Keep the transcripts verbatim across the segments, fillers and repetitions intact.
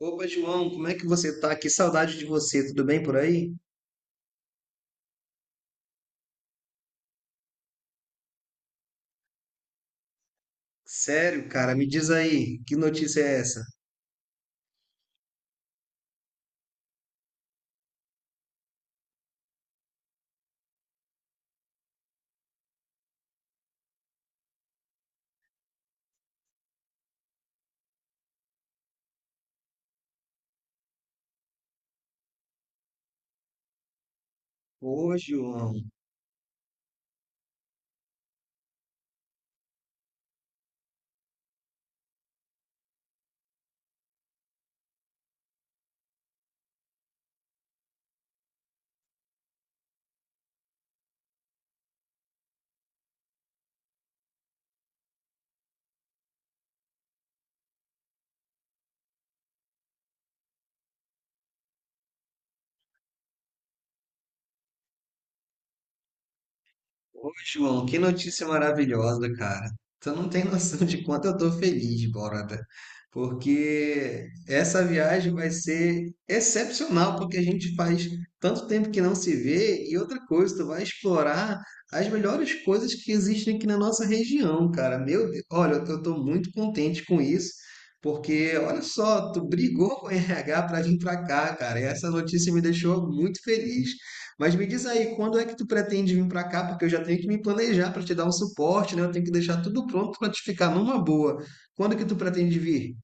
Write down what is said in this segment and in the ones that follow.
Opa, João, como é que você tá? Que saudade de você. Tudo bem por aí? Sério, cara, me diz aí, que notícia é essa? Ô, João. Ô, João, que notícia maravilhosa, cara. Tu não tem noção de quanto eu tô feliz, Borda, porque essa viagem vai ser excepcional, porque a gente faz tanto tempo que não se vê, e outra coisa, tu vai explorar as melhores coisas que existem aqui na nossa região, cara. Meu Deus, olha, eu tô muito contente com isso, porque olha só, tu brigou com o R H pra vir pra cá, cara, e essa notícia me deixou muito feliz. Mas me diz aí, quando é que tu pretende vir para cá? Porque eu já tenho que me planejar para te dar um suporte, né? Eu tenho que deixar tudo pronto para te ficar numa boa. Quando que tu pretende vir?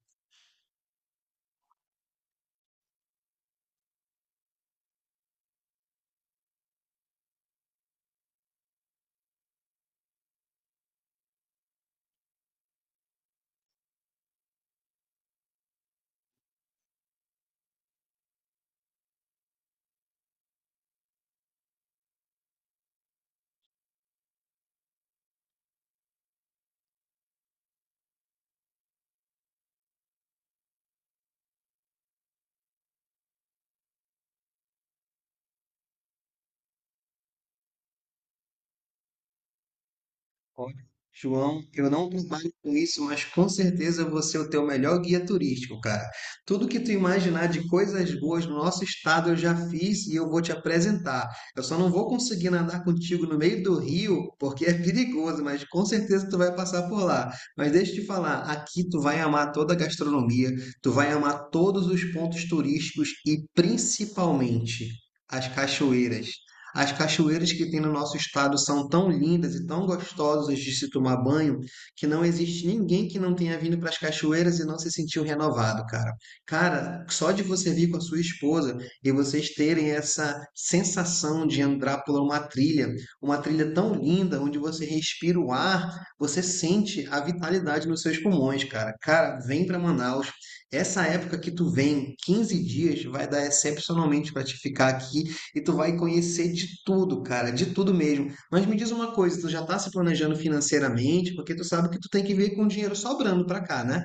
Olha, João, eu não trabalho com isso, mas com certeza você é o teu melhor guia turístico, cara. Tudo que tu imaginar de coisas boas no nosso estado eu já fiz e eu vou te apresentar. Eu só não vou conseguir nadar contigo no meio do rio, porque é perigoso, mas com certeza tu vai passar por lá. Mas deixa eu te falar, aqui tu vai amar toda a gastronomia, tu vai amar todos os pontos turísticos e principalmente as cachoeiras. As cachoeiras que tem no nosso estado são tão lindas e tão gostosas de se tomar banho que não existe ninguém que não tenha vindo para as cachoeiras e não se sentiu renovado, cara. Cara, só de você vir com a sua esposa e vocês terem essa sensação de entrar por uma trilha, uma trilha tão linda onde você respira o ar, você sente a vitalidade nos seus pulmões, cara. Cara, vem para Manaus. Essa época que tu vem, quinze dias, vai dar excepcionalmente para te ficar aqui e tu vai conhecer de tudo, cara, de tudo mesmo. Mas me diz uma coisa, tu já tá se planejando financeiramente, porque tu sabe que tu tem que vir com o dinheiro sobrando pra cá, né?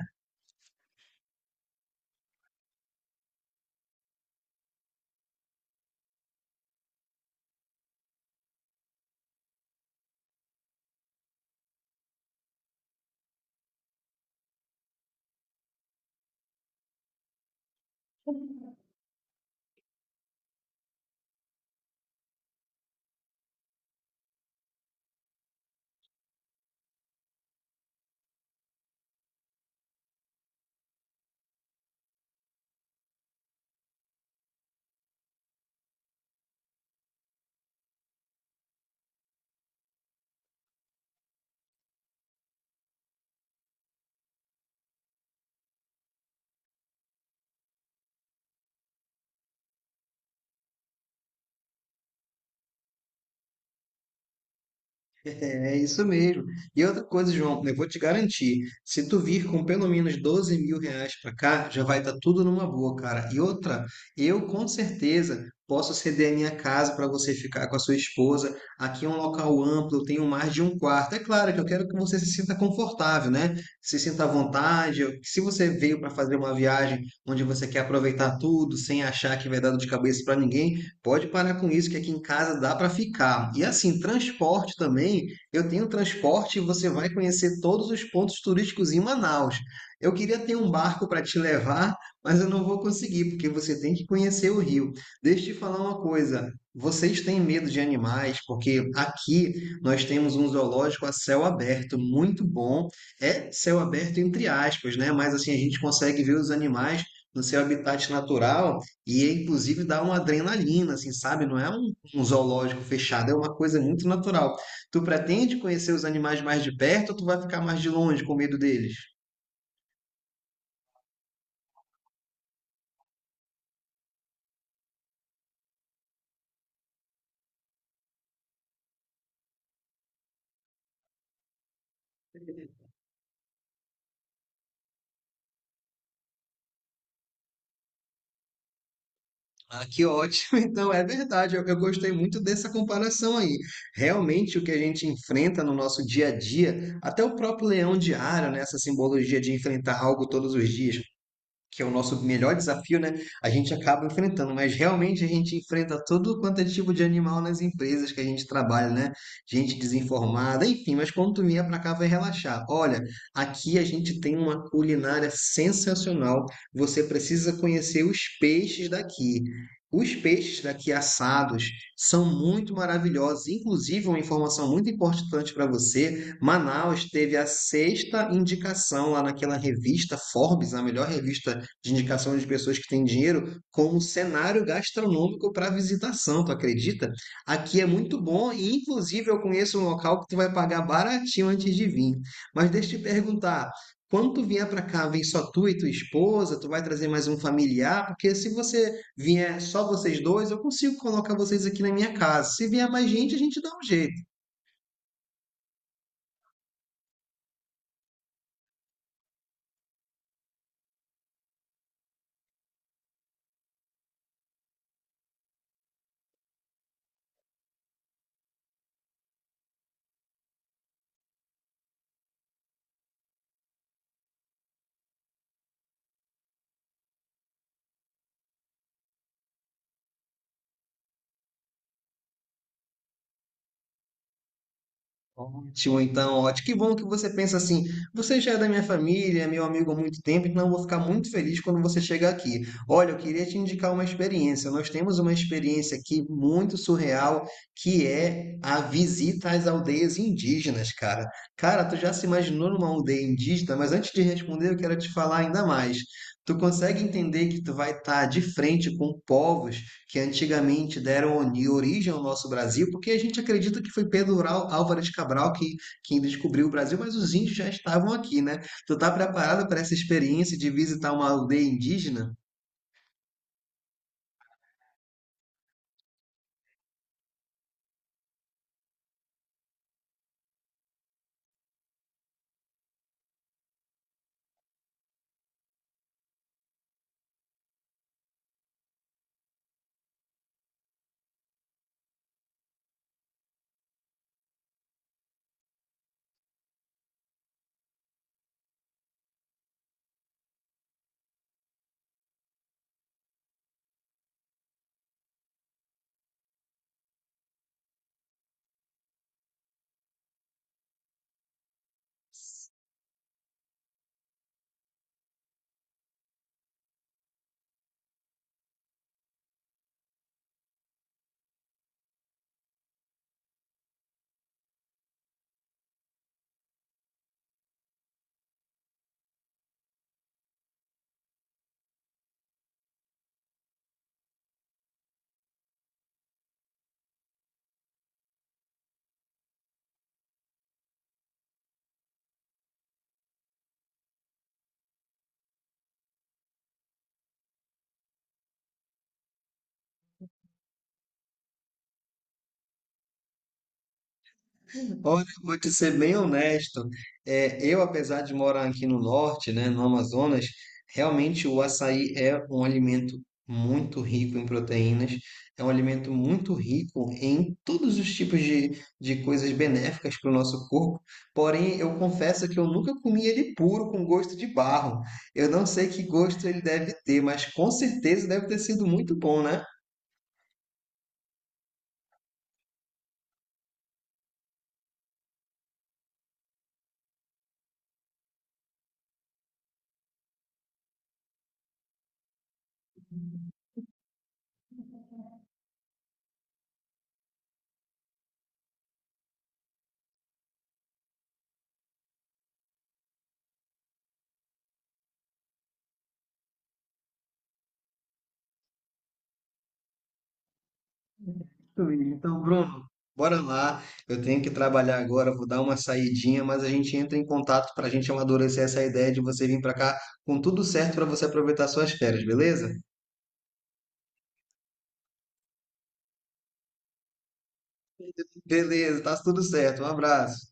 É, é isso mesmo. E outra coisa, João, eu vou te garantir, se tu vir com pelo menos doze mil reais pra cá, já vai estar tudo numa boa, cara. E outra, eu com certeza posso ceder a minha casa para você ficar com a sua esposa. Aqui é um local amplo, eu tenho mais de um quarto. É claro que eu quero que você se sinta confortável, né? Se sinta à vontade. Eu- se você veio para fazer uma viagem onde você quer aproveitar tudo, sem achar que vai dar dor de cabeça para ninguém, pode parar com isso, que aqui em casa dá para ficar. E assim, transporte também, eu tenho transporte e você vai conhecer todos os pontos turísticos em Manaus. Eu queria ter um barco para te levar, mas eu não vou conseguir, porque você tem que conhecer o rio. Deixa eu te falar uma coisa. Vocês têm medo de animais, porque aqui nós temos um zoológico a céu aberto, muito bom. É céu aberto entre aspas, né? Mas assim a gente consegue ver os animais no seu habitat natural e inclusive dá uma adrenalina, assim, sabe? Não é um, um zoológico fechado, é uma coisa muito natural. Tu pretende conhecer os animais mais de perto ou tu vai ficar mais de longe com medo deles? Ah, que ótimo! Então, é verdade, eu, eu gostei muito dessa comparação aí. Realmente, o que a gente enfrenta no nosso dia a dia, até o próprio leão diário, né, essa simbologia de enfrentar algo todos os dias, que é o nosso melhor desafio, né? A gente acaba enfrentando, mas realmente a gente enfrenta todo quanto é tipo de animal nas empresas que a gente trabalha, né? Gente desinformada, enfim, mas quando tu vier pra cá vai relaxar. Olha, aqui a gente tem uma culinária sensacional. Você precisa conhecer os peixes daqui. Os peixes daqui assados são muito maravilhosos. Inclusive, uma informação muito importante para você: Manaus teve a sexta indicação lá naquela revista Forbes, a melhor revista de indicação de pessoas que têm dinheiro como cenário gastronômico para visitação, tu acredita? Aqui é muito bom e, inclusive, eu conheço um local que tu vai pagar baratinho antes de vir. Mas deixa eu te perguntar, quando tu vier para cá, vem só tu e tua esposa, tu vai trazer mais um familiar, porque se você vier só vocês dois, eu consigo colocar vocês aqui na minha casa. Se vier mais gente, a gente dá um jeito. Ótimo, então, ótimo. Que bom que você pensa assim. Você já é da minha família, é meu amigo há muito tempo, então eu vou ficar muito feliz quando você chegar aqui. Olha, eu queria te indicar uma experiência. Nós temos uma experiência aqui muito surreal, que é a visita às aldeias indígenas, cara. Cara, tu já se imaginou numa aldeia indígena? Mas antes de responder, eu quero te falar ainda mais. Tu consegue entender que tu vai estar de frente com povos que antigamente deram origem ao nosso Brasil, porque a gente acredita que foi Pedro Al- Álvares Cabral que, quem descobriu o Brasil, mas os índios já estavam aqui, né? Tu tá preparado para essa experiência de visitar uma aldeia indígena? Olha, eu vou te ser bem honesto. É, eu, apesar de morar aqui no norte, né, no Amazonas, realmente o açaí é um alimento muito rico em proteínas, é um alimento muito rico em todos os tipos de, de coisas benéficas para o nosso corpo. Porém, eu confesso que eu nunca comi ele puro com gosto de barro. Eu não sei que gosto ele deve ter, mas com certeza deve ter sido muito bom, né? Muito bem. Então, Bruno, bora lá. Eu tenho que trabalhar agora, vou dar uma saidinha, mas a gente entra em contato para a gente amadurecer essa ideia de você vir para cá com tudo certo para você aproveitar suas férias, beleza? Beleza, tá tudo certo. Um abraço.